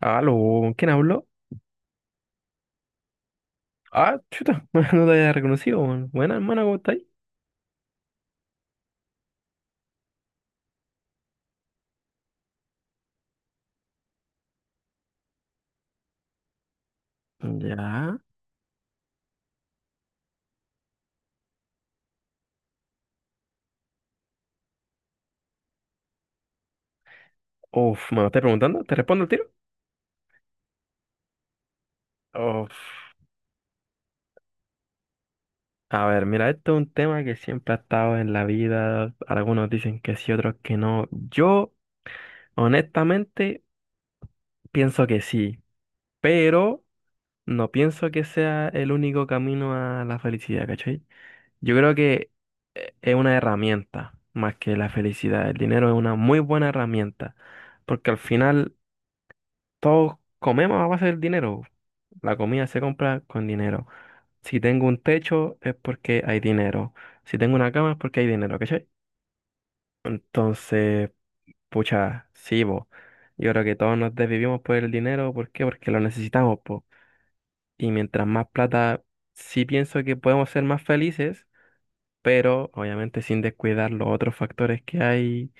Aló, ¿quién habló? Ah, chuta, no te había reconocido, man. Buena, hermana, ¿cómo estáis? Ya. Uf, ¿me lo estás preguntando? ¿Te respondo el tiro? Uf. A ver, mira, esto es un tema que siempre ha estado en la vida. Algunos dicen que sí, otros que no. Yo, honestamente, pienso que sí, pero no pienso que sea el único camino a la felicidad, ¿cachai? Yo creo que es una herramienta más que la felicidad. El dinero es una muy buena herramienta, porque al final todos comemos a base del dinero. La comida se compra con dinero. Si tengo un techo es porque hay dinero. Si tengo una cama es porque hay dinero, ¿cachai? Entonces, pucha, sí, bo. Yo creo que todos nos desvivimos por el dinero. ¿Por qué? Porque lo necesitamos, po. Y mientras más plata, sí pienso que podemos ser más felices, pero obviamente sin descuidar los otros factores que hay,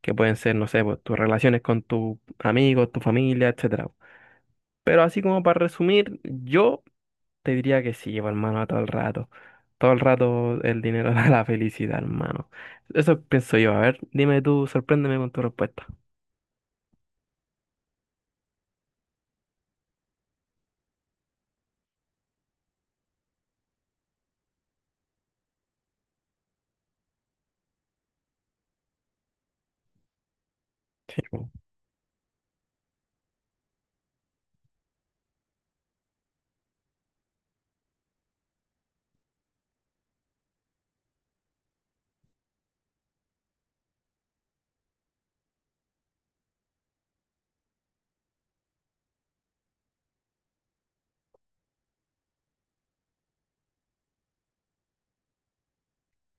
que pueden ser, no sé, po, tus relaciones con tus amigos, tu familia, etcétera. Pero así como para resumir, yo te diría que sí, hermano, todo el rato. Todo el rato el dinero da la felicidad, hermano. Eso pienso yo. A ver, dime tú, sorpréndeme con tu respuesta. Sí, po.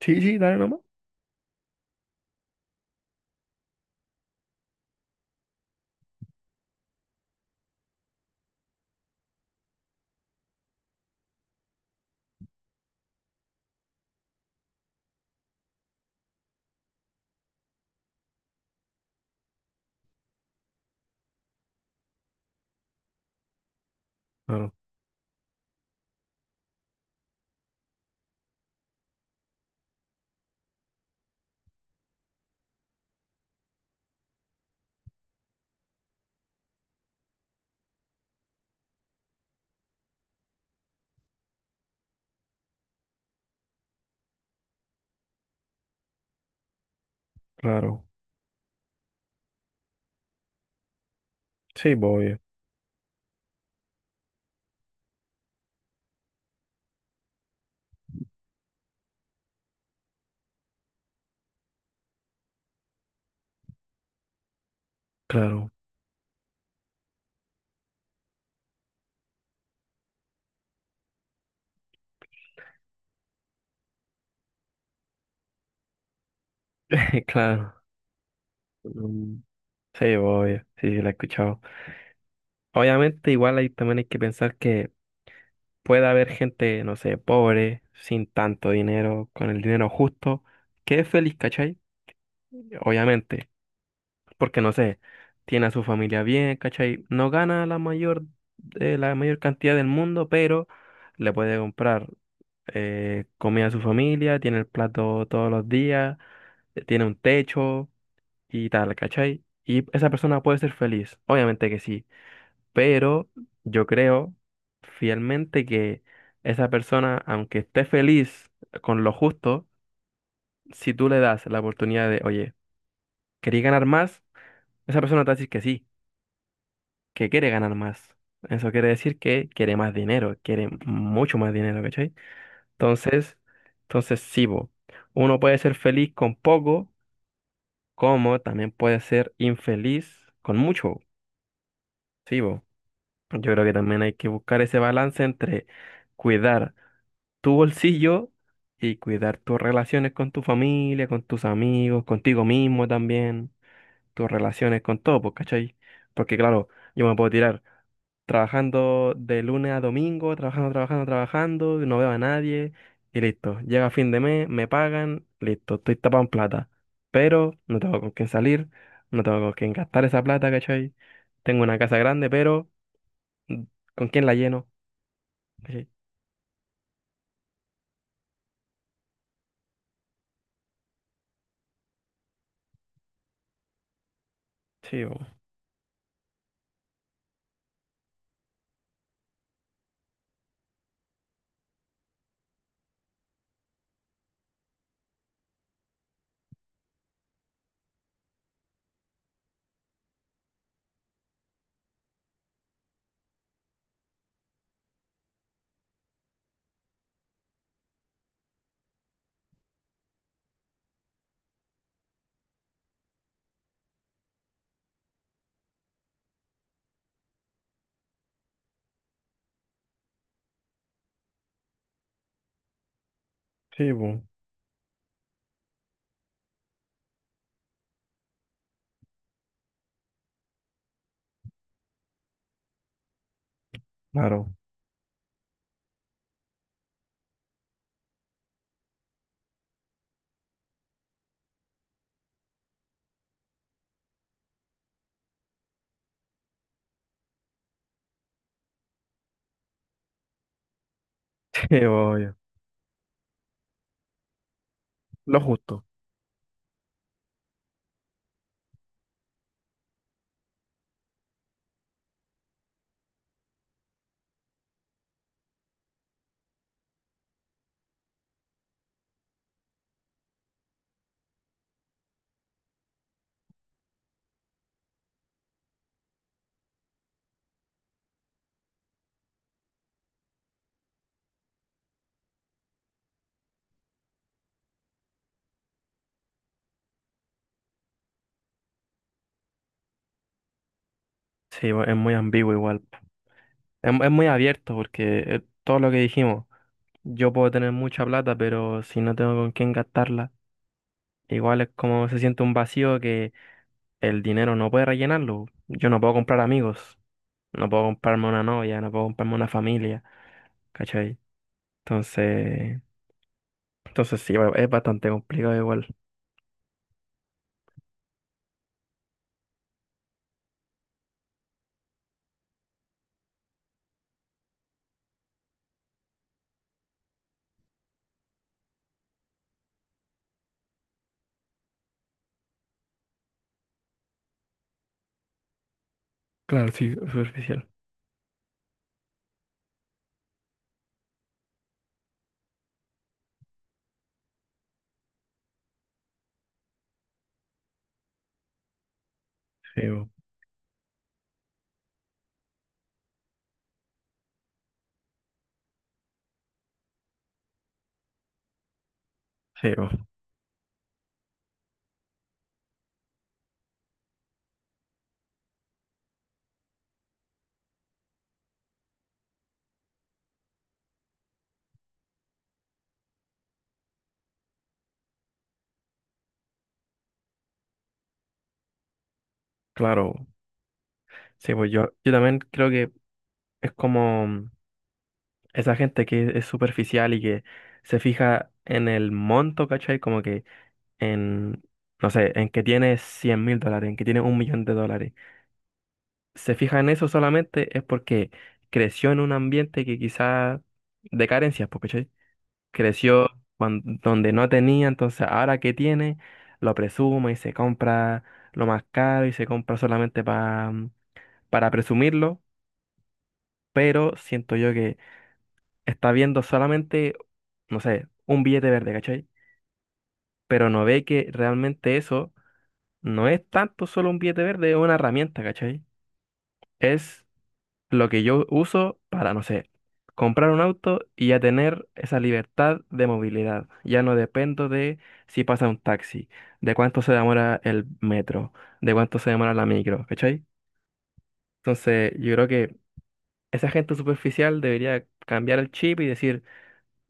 Sí, sí, dale nomás. Claro, claro. Sí, voy. Claro, claro. Mm, sí, obvio, sí, sí, la he escuchado. Obviamente, igual ahí también hay que pensar que puede haber gente, no sé, pobre, sin tanto dinero, con el dinero justo, que es feliz, ¿cachai? Obviamente. Porque no sé, tiene a su familia bien, ¿cachai? No gana la mayor cantidad del mundo, pero le puede comprar comida a su familia, tiene el plato todos los días, tiene un techo y tal, ¿cachai? Y esa persona puede ser feliz, obviamente que sí, pero yo creo fielmente que esa persona, aunque esté feliz con lo justo, si tú le das la oportunidad de, oye, ¿querí ganar más? Esa persona te va a decir que sí, que quiere ganar más. Eso quiere decir que quiere más dinero, quiere mucho más dinero, ¿cachai? Entonces, entonces sí, bo, uno puede ser feliz con poco, como también puede ser infeliz con mucho, sí, bo. Yo creo que también hay que buscar ese balance entre cuidar tu bolsillo y cuidar tus relaciones con tu familia, con tus amigos, contigo mismo también, tus relaciones con todo, pues, ¿cachai? Porque claro, yo me puedo tirar trabajando de lunes a domingo, trabajando, trabajando, trabajando, y no veo a nadie y listo. Llega fin de mes, me pagan, listo, estoy tapado en plata. Pero no tengo con quién salir, no tengo con quién gastar esa plata, ¿cachai? Tengo una casa grande, pero mm, ¿con quién la lleno? ¿Cachai? Sí, bo. Sí, pues, claro. Sí, bo, obvio. Lo justo. Sí, bo, es muy ambiguo igual. Es muy abierto porque todo lo que dijimos, yo puedo tener mucha plata, pero si no tengo con quién gastarla. Igual es como se siente un vacío que el dinero no puede rellenarlo. Yo no puedo comprar amigos, no puedo comprarme una novia, no puedo comprarme una familia, ¿cachai? Entonces, entonces sí, es bastante complicado igual. Claro, sí. Superficial. Sí, bo. Sí, bo. Claro. Sí, pues yo también creo que es como esa gente que es superficial y que se fija en el monto, ¿cachai? Como que en, no sé, en que tiene $100.000, en que tiene $1.000.000. Se fija en eso solamente es porque creció en un ambiente que quizás de carencias, pues, ¿cachai? Creció donde no tenía, entonces ahora que tiene, lo presume y se compra lo más caro y se compra solamente para presumirlo, pero siento yo que está viendo solamente, no sé, un billete verde, ¿cachai? Pero no ve que realmente eso no es tanto solo un billete verde, es una herramienta, ¿cachai? Es lo que yo uso para, no sé, comprar un auto y ya tener esa libertad de movilidad. Ya no dependo de si pasa un taxi, de cuánto se demora el metro, de cuánto se demora la micro, ¿cachai? Entonces, yo creo que esa gente superficial debería cambiar el chip y decir,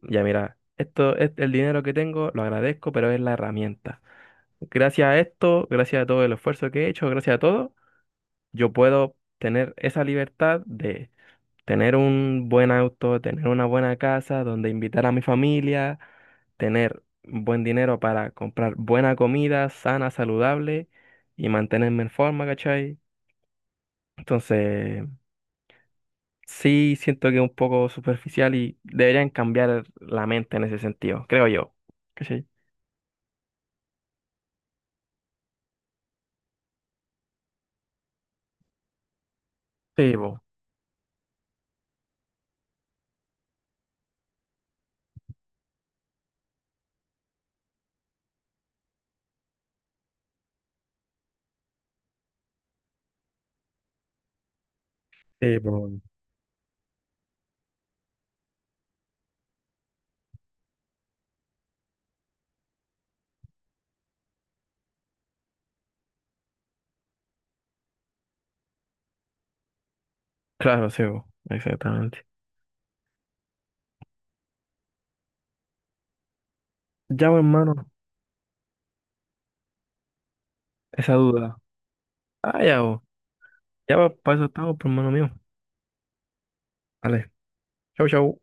ya mira, esto es el dinero que tengo, lo agradezco, pero es la herramienta. Gracias a esto, gracias a todo el esfuerzo que he hecho, gracias a todo, yo puedo tener esa libertad de tener un buen auto, tener una buena casa donde invitar a mi familia, tener buen dinero para comprar buena comida, sana, saludable y mantenerme en forma, ¿cachai? Entonces, sí siento que es un poco superficial y deberían cambiar la mente en ese sentido, creo yo. ¿Cachai? Sí, po. Sí, po. Claro, sí, po. Exactamente. Ya, po, hermano, esa duda. Ah, ya, po. Ya, pues, para eso estamos, por hermano mío. Vale. Chau, chau.